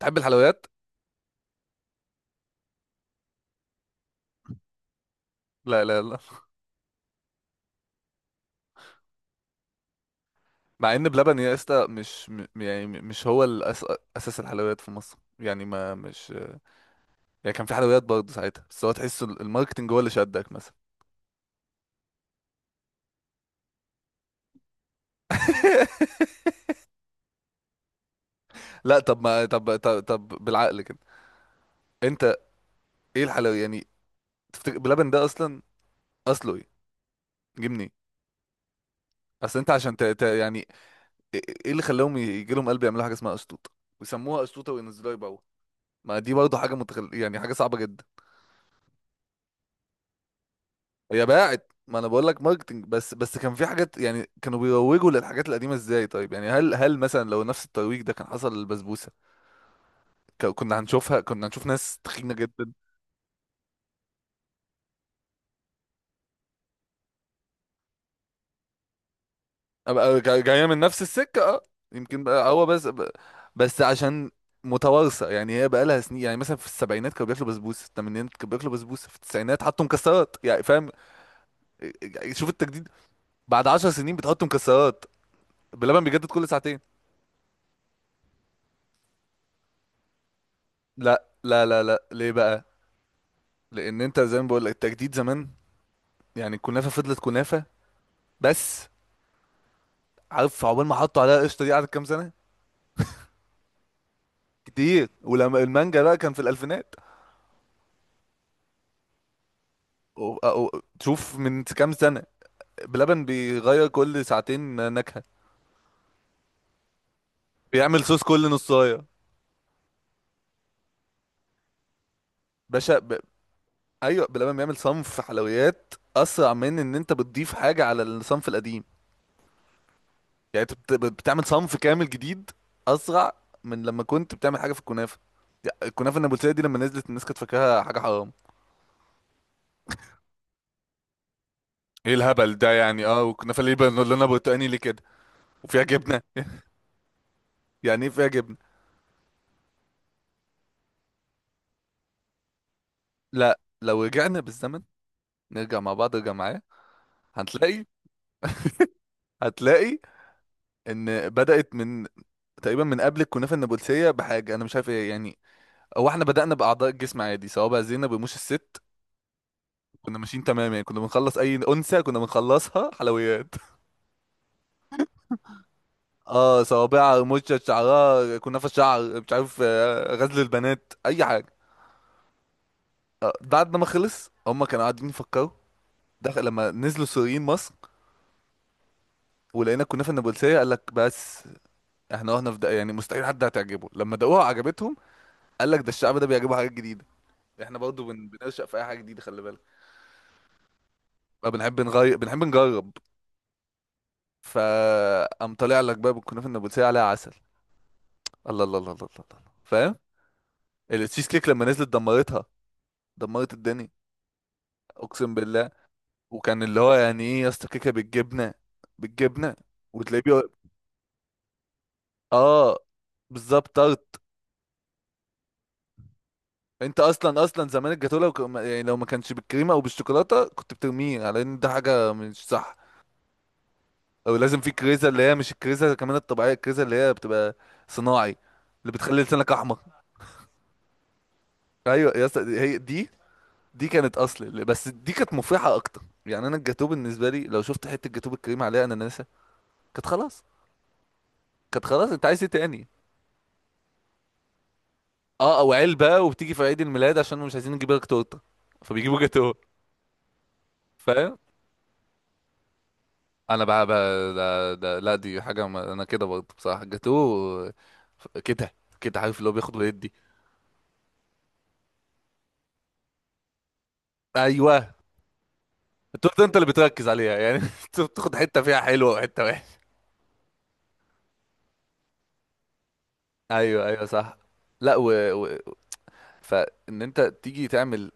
تحب الحلويات؟ لا لا لا. مع ان بلبن يا اسطى مش يعني مش هو اساس الحلويات في مصر يعني ما مش، يعني كان في حلويات برضه ساعتها، بس هو تحس الماركتنج هو اللي شدك مثلا. لا طب ما طب طب, طب بالعقل كده. انت ايه الحلو يعني؟ تفتكر بلبن ده اصلا اصله ايه؟ جه منين؟ اصل انت عشان ت... ت... يعني إيه اللي خلاهم يجي لهم قلب يعملوا حاجه اسمها اشطوطه، ويسموها اشطوطه وينزلوها يبيعوها؟ ما دي برضه حاجه يعني حاجه صعبه جدا. هي باعت، ما انا بقول لك ماركتنج، بس كان في حاجات يعني كانوا بيروجوا للحاجات القديمه ازاي. طيب يعني هل مثلا لو نفس الترويج ده كان حصل للبسبوسه، كنا هنشوفها، كنا هنشوف ناس تخينه جدا. أبقى جايه من نفس السكه، اه. يمكن بقى هو بس عشان متوارثه، يعني هي بقى لها سنين. يعني مثلا في السبعينات كانوا بياكلوا بسبوسه، في الثمانينات كانوا بياكلوا بسبوسه، في التسعينات حطوا مكسرات، يعني فاهم؟ يعني شوف التجديد، بعد 10 سنين بتحط مكسرات. بلبن بيجدد كل ساعتين. لا ليه بقى؟ لان انت زي ما بقول لك التجديد زمان. يعني الكنافه فضلت كنافه بس. عارف عقبال ما حطوا عليها قشطه دي قعدت كام سنه؟ كتير. ولما المانجا بقى كان في الالفينات. تشوف من كام سنه بلبن بيغير كل ساعتين نكهه، بيعمل صوص كل نصايه. باشا ب... ايوه، بلبن بيعمل صنف حلويات اسرع من ان انت بتضيف حاجه على الصنف القديم. يعني انت بتعمل صنف كامل جديد اسرع من لما كنت بتعمل حاجه في الكنافه. يعني الكنافه النابلسيه دي لما نزلت الناس كانت فاكراها حاجه حرام. ايه الهبل ده يعني؟ اه، وكنافه ليه بنقول لنا برتقاني ليه كده، وفيها جبنه؟ يعني ايه فيها جبنه؟ لا لو رجعنا بالزمن، نرجع مع بعض، ارجع معايا، هتلاقي، هتلاقي ان بدأت من تقريبا من قبل الكنافه النابلسيه بحاجه انا مش عارف ايه يعني. هو احنا بدأنا باعضاء الجسم عادي، سواء بقى زينب، رموش الست. كنا ماشيين تمام يعني، كنا بنخلص اي انثى كنا بنخلصها حلويات. اه، صوابعها، رموشها، شعرها كنافه، شعر مش عارف آه، غزل البنات، اي حاجه. آه، بعد ما خلص هم كانوا قاعدين يفكروا، دخل لما نزلوا السوريين مصر، ولقينا الكنافه النابلسيه قال لك بس. احنا رحنا في ده يعني مستحيل حد هتعجبه، لما دقوها عجبتهم. قال لك ده الشعب ده بيعجبه حاجات جديده، احنا برضو بنرشق في اي حاجه جديده، خلي بالك. ما بنحب نغير، بنحب نجرب. فقام طالع لك بقى بالكنافه النابلسيه عليها عسل. الله الله الله الله الله الله. فاهم؟ التشيز كيك لما نزلت دمرتها، دمرت الدنيا. اقسم بالله. وكان اللي هو يعني ايه يا اسطى، كيكه بالجبنه؟ بالجبنه؟ وتلاقيه بيقول- اه، بالظبط، طرد. انت اصلا اصلا زمان الجاتوه لو يعني لو ما كانش بالكريمه او بالشوكولاته كنت بترميه على ان ده حاجه مش صح. او لازم في كريزه، اللي هي مش الكريزه كمان الطبيعيه، الكريزه اللي هي بتبقى صناعي، اللي بتخلي لسانك احمر. ايوه يا اسطى هي دي. دي كانت اصل، بس دي كانت مفرحه اكتر. يعني انا الجاتوه بالنسبه لي لو شفت حته جاتوه بالكريمه عليها اناناسه كانت خلاص. كانت خلاص، انت عايز ايه تاني؟ اه، او علبه وبتيجي في عيد الميلاد عشان مش عايزين نجيب لك تورته فبيجيبوا جاتوه. فاهم؟ انا بقى ده لا دي حاجه، ما انا كده برضه بصراحه جاتوه كده كده، عارف اللي هو بياخد ويدي. ايوه. التورته انت اللي بتركز عليها يعني، أنت بتاخد حته فيها حلوه وحته وحشه. ايوه صح. لا و... و... فان انت تيجي تعمل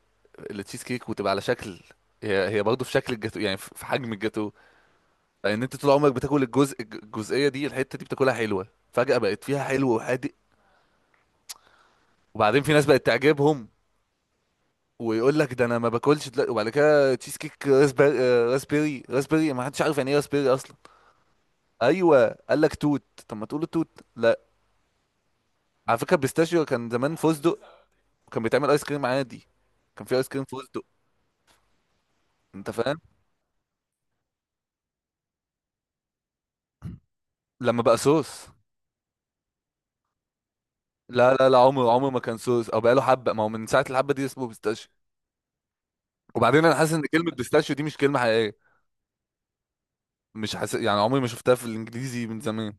التشيز كيك وتبقى على شكل، هي هي برضه في شكل الجاتو، يعني في في حجم الجاتو. لان انت طول عمرك بتاكل الجزئيه دي، الحته دي بتاكلها حلوه، فجاه بقت فيها حلو وحادق. وبعدين في ناس بقت تعجبهم، ويقول لك ده انا ما باكلش دلوقتي، وبعد كده تشيز كيك راسبيري. آه، راسبيري، ما حدش عارف يعني ايه راسبيري اصلا. ايوه قال لك توت، طب ما تقول توت لا. على فكره البيستاشيو كان زمان فستق، وكان بيتعمل ايس كريم عادي، كان في ايس كريم فستق. انت فاهم؟ لما بقى صوص. لا عمره، عمره ما كان صوص او بقى له حبه، ما هو من ساعه الحبه دي اسمه بيستاشيو. وبعدين انا حاسس ان كلمه بيستاشيو دي مش كلمه حقيقيه. مش حاسس يعني، عمري ما شفتها في الانجليزي من زمان.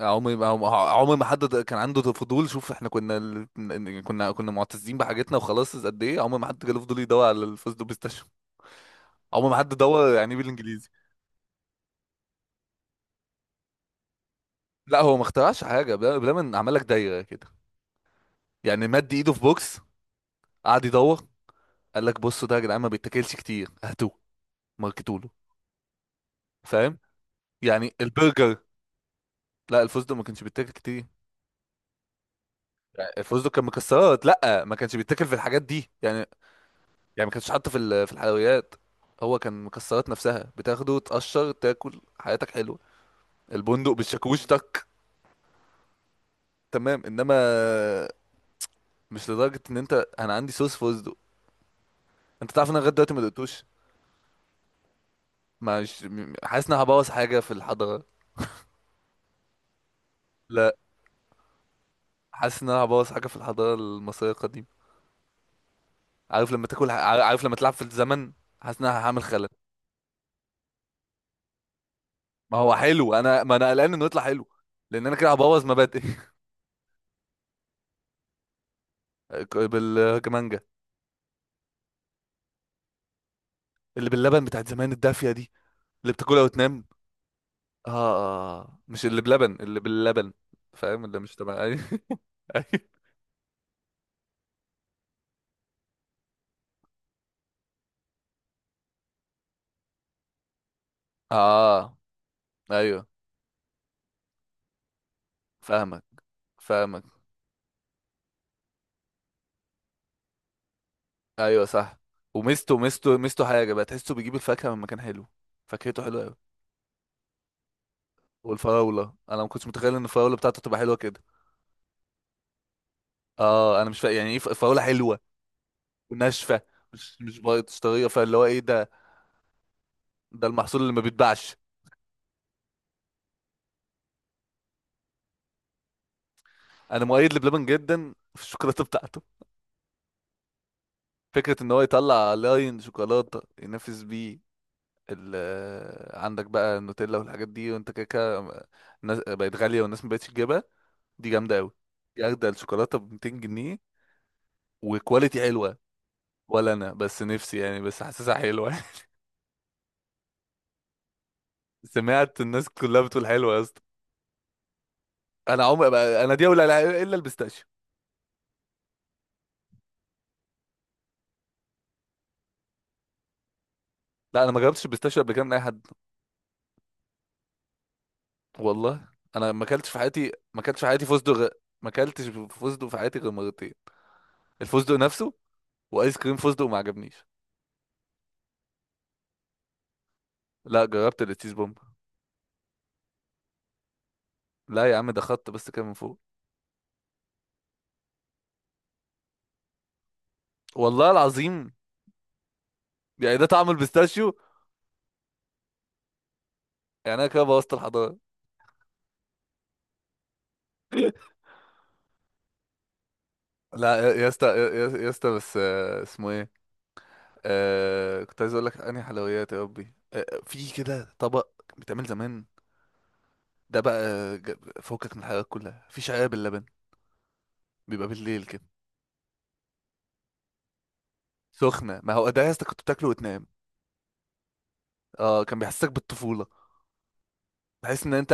عمري ما، عمري ما حد كان عنده فضول. شوف احنا كنا كنا معتزين بحاجتنا وخلاص. قد ايه عمر ما حد جاله فضول يدور على الفوز بلاي ستيشن، عمر ما حد دور يعني ايه بالانجليزي. لا هو ما اخترعش حاجه، بلا من عمل لك دايره كده، يعني مد ايده في بوكس، قعد يدور، قال لك بصوا ده يا جدعان ما بيتاكلش كتير، هاتوه، ماركتوا له. فاهم؟ يعني البرجر. لا الفستق ما كانش بيتاكل كتير. يعني الفستق كان مكسرات، لا ما كانش بيتاكل في الحاجات دي يعني. يعني ما كانش حاطه في الحلويات. هو كان مكسرات نفسها بتاخده تقشر تاكل حياتك حلوه. البندق بالشاكوش، تك. تمام. انما مش لدرجه ان انت، انا عندي صوص فستق، انت تعرف ان انا لغايه دلوقتي ما دقتوش. مش م- حاسس ان انا هبوظ حاجه في الحضاره. لا، حاسس ان انا هبوظ حاجه في الحضاره المصريه القديمه. عارف لما تاكل، عارف لما تلعب في الزمن، حاسس ان انا هعمل خلل. ما هو حلو، انا ما انا قلقان انه يطلع حلو، لان انا كده هبوظ مبادئي. بالجمانجه. اللي باللبن بتاعت زمان، الدافيه دي، اللي بتاكلها وتنام. اه. آه. مش اللي بلبن، اللي باللبن. فاهم اللي مش تمام؟ ايوه. أيوة. اه، ايوه. فاهمك، فاهمك. ايوه صح. وميزته، ميزته حاجه بقى تحسه بيجيب الفاكهه من مكان حلو، فاكهته حلوه قوي. والفراوله، انا ما كنتش متخيل ان الفراوله بتاعته تبقى حلوه كده. اه انا مش فاهم يعني ايه فراوله حلوه وناشفه، مش بايظ، طريه، فاللي هو ايه ده؟ ده المحصول اللي ما بيتباعش. انا مؤيد لبلبن جدا في الشوكولاته بتاعته. فكره ان هو يطلع لاين شوكولاته ينافس بيه آه، عندك بقى النوتيلا والحاجات دي، وانت كده كده. بقت غالية والناس مبقتش تجيبها. دي جامدة أوي. دي أجدع الشوكولاتة ب 200 جنيه، وكواليتي حلوة. ولا أنا بس نفسي يعني، بس حاسسها حلوة. سمعت الناس كلها بتقول حلوة يا اسطى. أنا عمري بقى أنا دي، ولا إلا البيستاشيو. لا أنا ما جربتش البيستاشيو قبل كده من أي حد. والله. أنا ما أكلتش في حياتي، ما أكلتش في حياتي فستق ما أكلتش فستق في حياتي غير مرتين. الفستق نفسه وآيس كريم فستق، وما عجبنيش. لا جربت التشيز بومب. لا يا عم ده خط بس كده من فوق. والله العظيم. يعني ده طعم البيستاشيو؟ يعني انا كده بوظت الحضاره. لا يا يا اسطى بس آه، اسمه ايه؟ آه كنت عايز اقول لك انهي حلويات يا ربي. آه في كده طبق بيتعمل زمان، ده بقى فوقك من الحلويات كلها، في شعير باللبن، بيبقى بالليل كده. سخنه، ما هو ده يا اسطى كنت بتاكله وتنام. اه كان بيحسسك بالطفوله، بحس ان انت،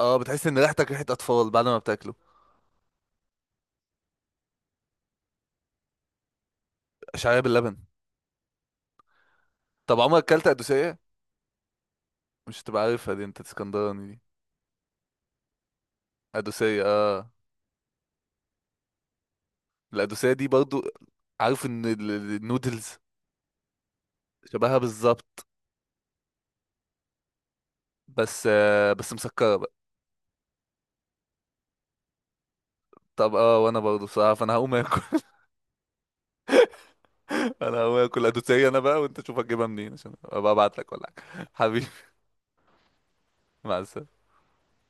اه، بتحس ان ريحتك ريحه اطفال بعد ما بتاكله. شعير باللبن. طب عمرك اكلت قدوسيه؟ مش هتبقى عارفها دي، انت اسكندراني دي. قدوسيه، اه. القدوسية دي برضو، عارف ان النودلز؟ شبهها بالظبط، بس آه، بس مسكرة بقى. طب اه، وانا برضو بصراحة فانا هقوم اكل. انا هقوم اكل قدوسية انا بقى، وانت شوف هتجيبها منين عشان ابقى ابعت لك ولا حاجة حبيبي. مع السلامة.